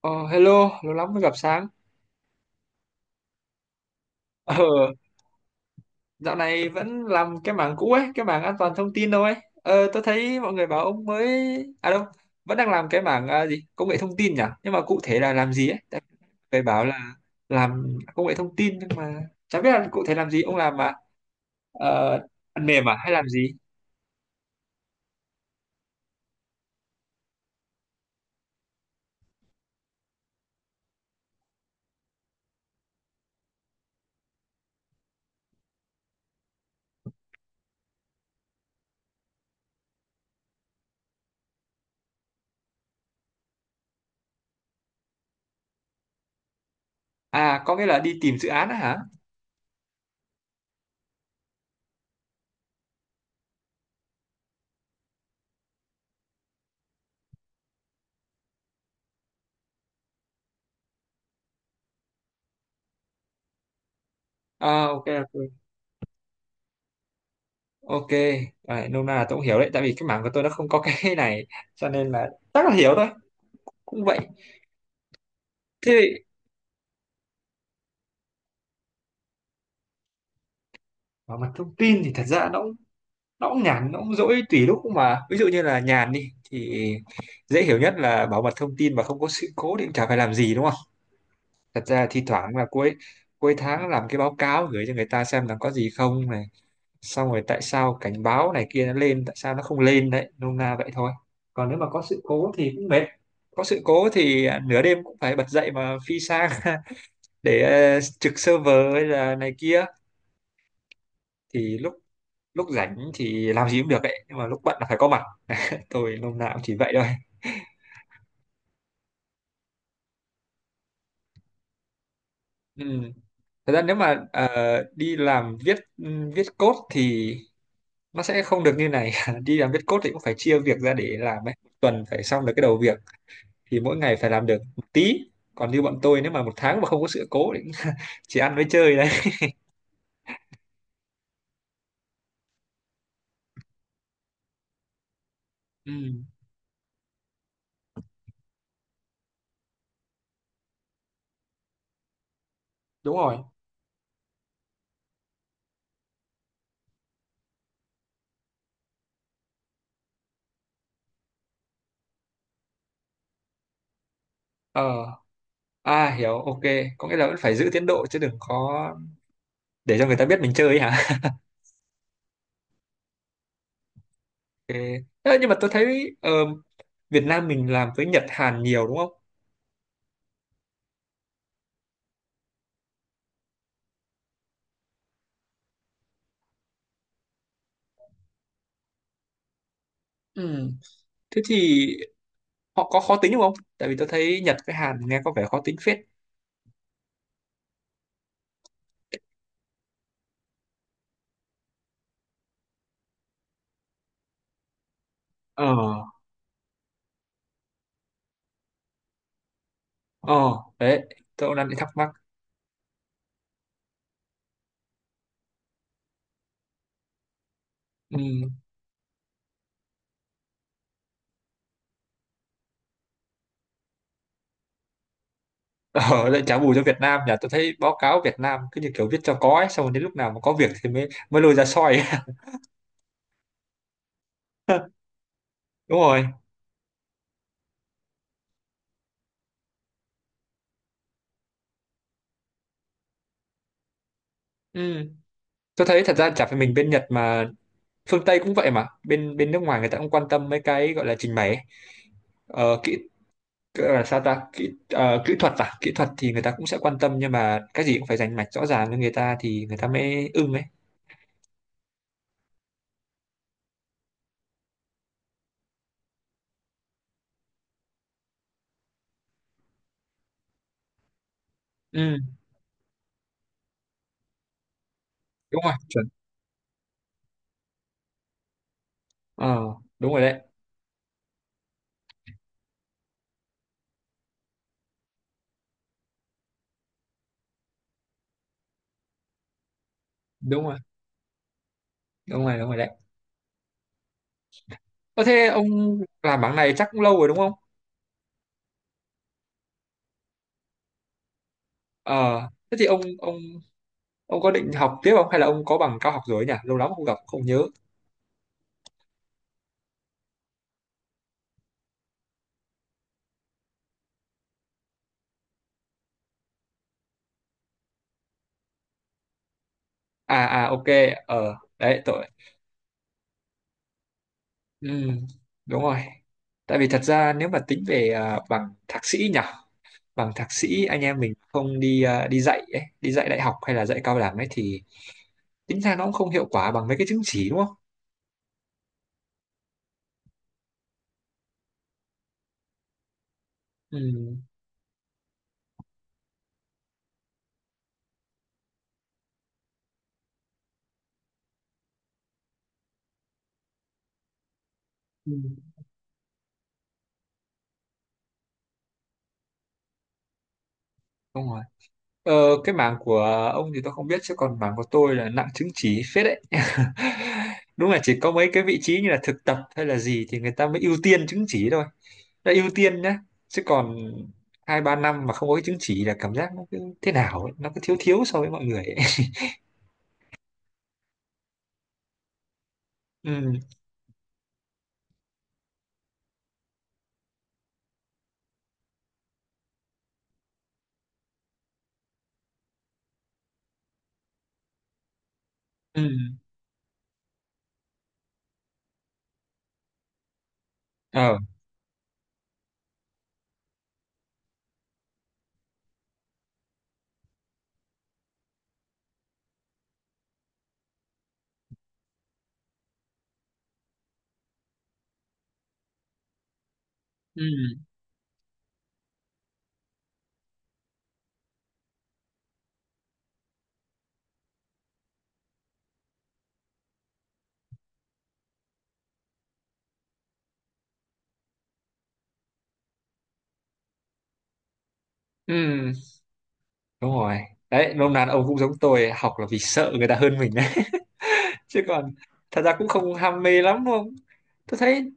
Ờ, Hello, lâu lắm mới gặp Sáng. Ờ, Dạo này vẫn làm cái mảng cũ ấy, cái mảng an toàn thông tin đâu ấy. Tôi thấy mọi người bảo ông mới... À đâu, vẫn đang làm cái mảng à, gì? Công nghệ thông tin nhỉ? Nhưng mà cụ thể là làm gì ấy? Tại người bảo là làm công nghệ thông tin nhưng mà chả biết là cụ thể làm gì. Ông làm mà ờ, phần mềm à hay làm gì? À, có nghĩa là đi tìm dự án á hả? À, ok, ok. Ok, đấy, nôm na là tôi cũng hiểu đấy, tại vì cái mảng của tôi nó không có cái này, cho nên là chắc là hiểu thôi, cũng vậy. Thế Và mặt thông tin thì thật ra nó cũng nhàn, nó cũng dỗi tùy lúc, mà ví dụ như là nhàn đi thì dễ hiểu nhất là bảo mật thông tin mà không có sự cố thì cũng chả phải làm gì, đúng không. Thật ra thi thoảng là cuối cuối tháng làm cái báo cáo gửi cho người ta xem là có gì không này, xong rồi tại sao cảnh báo này kia nó lên, tại sao nó không lên đấy, nôm na vậy thôi. Còn nếu mà có sự cố thì cũng mệt, có sự cố thì à, nửa đêm cũng phải bật dậy mà phi sang để trực server hay là này kia, thì lúc lúc rảnh thì làm gì cũng được ấy, nhưng mà lúc bận là phải có mặt. Tôi lúc nào cũng chỉ vậy thôi. Ừ. Thật ra nếu mà đi làm viết code thì nó sẽ không được như này. Đi làm viết code thì cũng phải chia việc ra để làm ấy. Một tuần phải xong được cái đầu việc thì mỗi ngày phải làm được một tí. Còn như bọn tôi nếu mà một tháng mà không có sự cố thì cũng chỉ ăn với chơi đấy. Ừ, đúng rồi. ờ à, hiểu, ok. Có nghĩa là vẫn phải giữ tiến độ chứ đừng có để cho người ta biết mình chơi ấy hả. Ok. Ơ, nhưng mà tôi thấy Việt Nam mình làm với Nhật Hàn nhiều đúng không? Ừ. Thế thì họ có khó tính đúng không? Tại vì tôi thấy Nhật với Hàn nghe có vẻ khó tính phết. Ờ, ờ, Đấy, tôi cũng đang bị thắc mắc. Ừ. Ờ, lại trả bù cho Việt Nam nhỉ? Tôi thấy báo cáo Việt Nam cứ như kiểu viết cho có ấy, xong rồi đến lúc nào mà có việc thì mới mới lôi ra soi. Đúng rồi. Ừ. Tôi thấy thật ra chả phải mình bên Nhật mà phương Tây cũng vậy mà. Bên bên nước ngoài người ta cũng quan tâm mấy cái gọi là trình bày ấy. Ờ, kỹ Cứ là sao ta, kỹ kỹ thuật à, kỹ thuật thì người ta cũng sẽ quan tâm, nhưng mà cái gì cũng phải rành mạch rõ ràng với người ta thì người ta mới ưng ấy. Ừ, đúng rồi, chuẩn. ờ đúng rồi đấy, đúng rồi, đúng rồi, đúng rồi đấy. Ờ thế ông làm bảng này chắc cũng lâu rồi đúng không. ờ thế thì ông có định học tiếp không, hay là ông có bằng cao học rồi ấy nhỉ, lâu lắm không gặp không nhớ. À à, ok. Đấy tội. Ừ, đúng rồi. Tại vì thật ra nếu mà tính về à, bằng thạc sĩ nhỉ, bằng thạc sĩ anh em mình không đi à, đi dạy ấy, đi dạy đại học hay là dạy cao đẳng ấy thì tính ra nó cũng không hiệu quả bằng mấy cái chứng chỉ đúng không? Ừ, Ừ. Đúng rồi. Ờ, cái mảng của ông thì tôi không biết, chứ còn mảng của tôi là nặng chứng chỉ phết đấy. Đúng là chỉ có mấy cái vị trí như là thực tập hay là gì thì người ta mới ưu tiên chứng chỉ thôi. Đã ưu tiên nhá. Chứ còn 2-3 năm mà không có cái chứng chỉ là cảm giác nó cứ thế nào ấy, nó cứ thiếu thiếu so với mọi người ấy. Ừ, ừ, ờ, ừ, ừ. Đúng rồi đấy, nôm na là ông cũng giống tôi, học là vì sợ người ta hơn mình đấy. Chứ còn thật ra cũng không ham mê lắm đúng không, tôi thấy.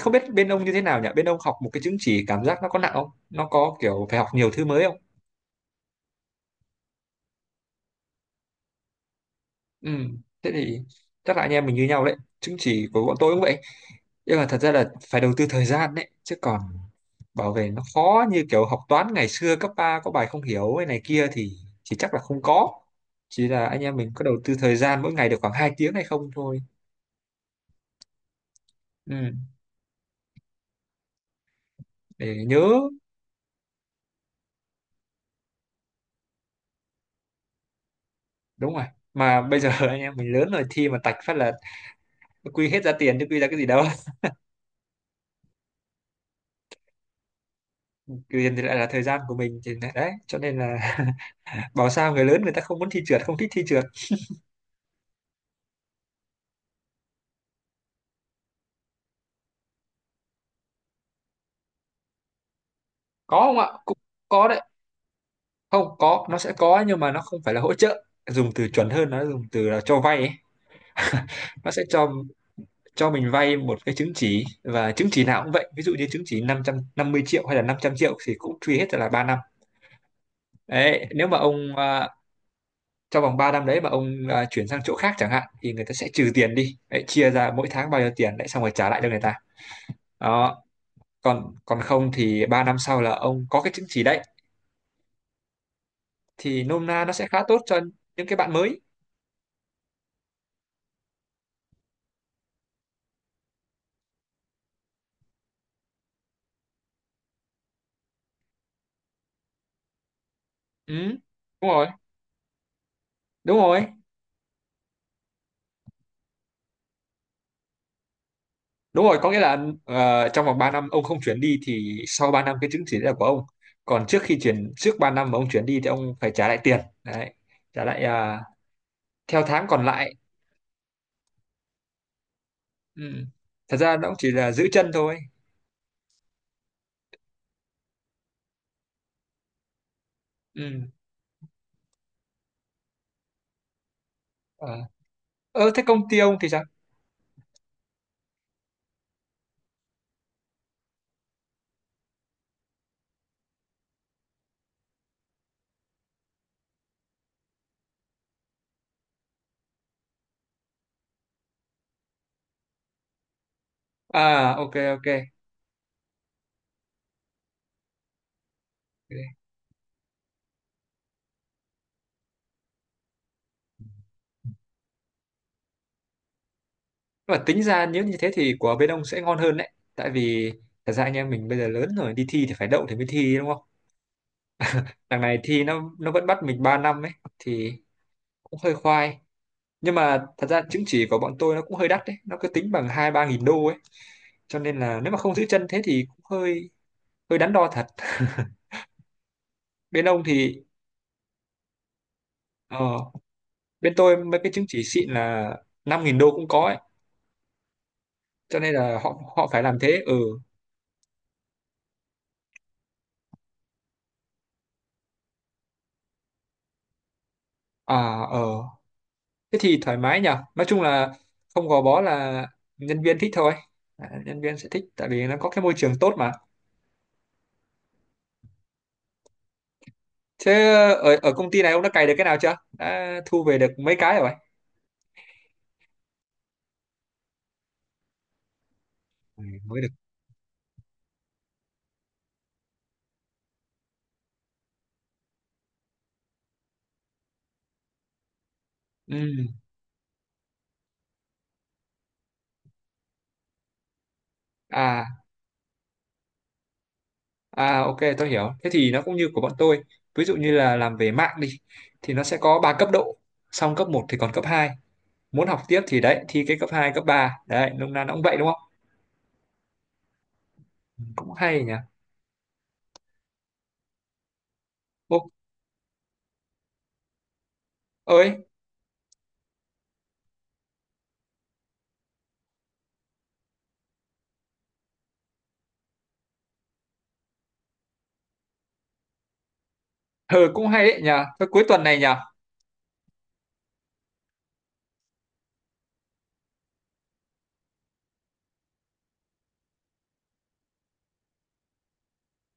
Không biết bên ông như thế nào nhỉ, bên ông học một cái chứng chỉ cảm giác nó có nặng không, nó có kiểu phải học nhiều thứ mới không. Ừ, thế thì chắc là anh em mình như nhau đấy, chứng chỉ của bọn tôi cũng vậy, nhưng mà thật ra là phải đầu tư thời gian đấy. Chứ còn bảo vệ nó khó như kiểu học toán ngày xưa cấp 3 có bài không hiểu hay này kia thì chỉ chắc là không có, chỉ là anh em mình có đầu tư thời gian mỗi ngày được khoảng 2 tiếng hay không thôi. Ừ, để nhớ. Đúng rồi, mà bây giờ anh em mình lớn rồi thi mà tạch phát là quy hết ra tiền chứ quy ra cái gì đâu. Tiền thì lại là thời gian của mình thì lại đấy, cho nên là bảo sao người lớn người ta không muốn thi trượt, không thích thi trượt. Có không ạ, cũng có đấy. Không, có nó sẽ có, nhưng mà nó không phải là hỗ trợ, dùng từ chuẩn hơn, nó dùng từ là cho vay ấy. Nó sẽ cho mình vay một cái chứng chỉ, và chứng chỉ nào cũng vậy, ví dụ như chứng chỉ năm, 550 triệu hay là 500 triệu thì cũng truy hết ra là 3 năm. Đấy nếu mà ông à, trong vòng 3 năm đấy mà ông à, chuyển sang chỗ khác chẳng hạn, thì người ta sẽ trừ tiền đi đấy, chia ra mỗi tháng bao nhiêu tiền đấy xong rồi trả lại cho người ta. Đó. Còn còn không thì 3 năm sau là ông có cái chứng chỉ đấy, thì nôm na nó sẽ khá tốt cho những cái bạn mới. Ừ, đúng rồi, đúng rồi, đúng rồi. Có nghĩa là trong vòng 3 năm ông không chuyển đi thì sau 3 năm cái chứng chỉ đấy là của ông, còn trước khi chuyển, trước 3 năm mà ông chuyển đi thì ông phải trả lại tiền đấy, trả lại à, theo tháng còn lại. Ừ. Thật ra nó cũng chỉ là giữ chân thôi. Ừ. Ờ. Ờ, thế công ty ông thì sao? À, ok, ok. Và tính ra nếu như thế thì của bên ông sẽ ngon hơn đấy. Tại vì thật ra anh em mình bây giờ lớn rồi, đi thi thì phải đậu thì mới thi đúng không? Đằng này thi nó vẫn bắt mình 3 năm ấy, thì cũng hơi khoai. Nhưng mà thật ra chứng chỉ của bọn tôi nó cũng hơi đắt đấy, nó cứ tính bằng 2-3 nghìn đô ấy. Cho nên là nếu mà không giữ chân thế thì cũng hơi hơi đắn đo thật. Bên ông thì, ờ, bên tôi mấy cái chứng chỉ xịn là 5 nghìn đô cũng có ấy. Cho nên là họ họ phải làm thế, ừ. À, ờ thế thì thoải mái nhở, nói chung là không gò bó, là nhân viên thích thôi, à, nhân viên sẽ thích tại vì nó có cái môi trường tốt mà. Thế ờ, ở ở công ty này ông đã cày được cái nào chưa, đã thu về được mấy cái rồi. Ừ, mới được. Ừ. À, à ok tôi hiểu. Thế thì nó cũng như của bọn tôi. Ví dụ như là làm về mạng đi thì nó sẽ có 3 cấp độ. Xong cấp một thì còn cấp hai. Muốn học tiếp thì đấy thi cái cấp hai, cấp ba. Đấy, nôm na nó cũng vậy đúng không? Ừ, cũng hay nhỉ. Ô, ơi, ừ, cũng hay đấy nhỉ. Thôi cuối tuần này nhỉ.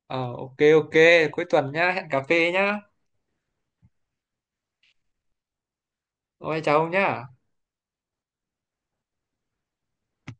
Ờ ok ok, cuối tuần nhá, hẹn cà phê nhá. Ôi chào ông nhá.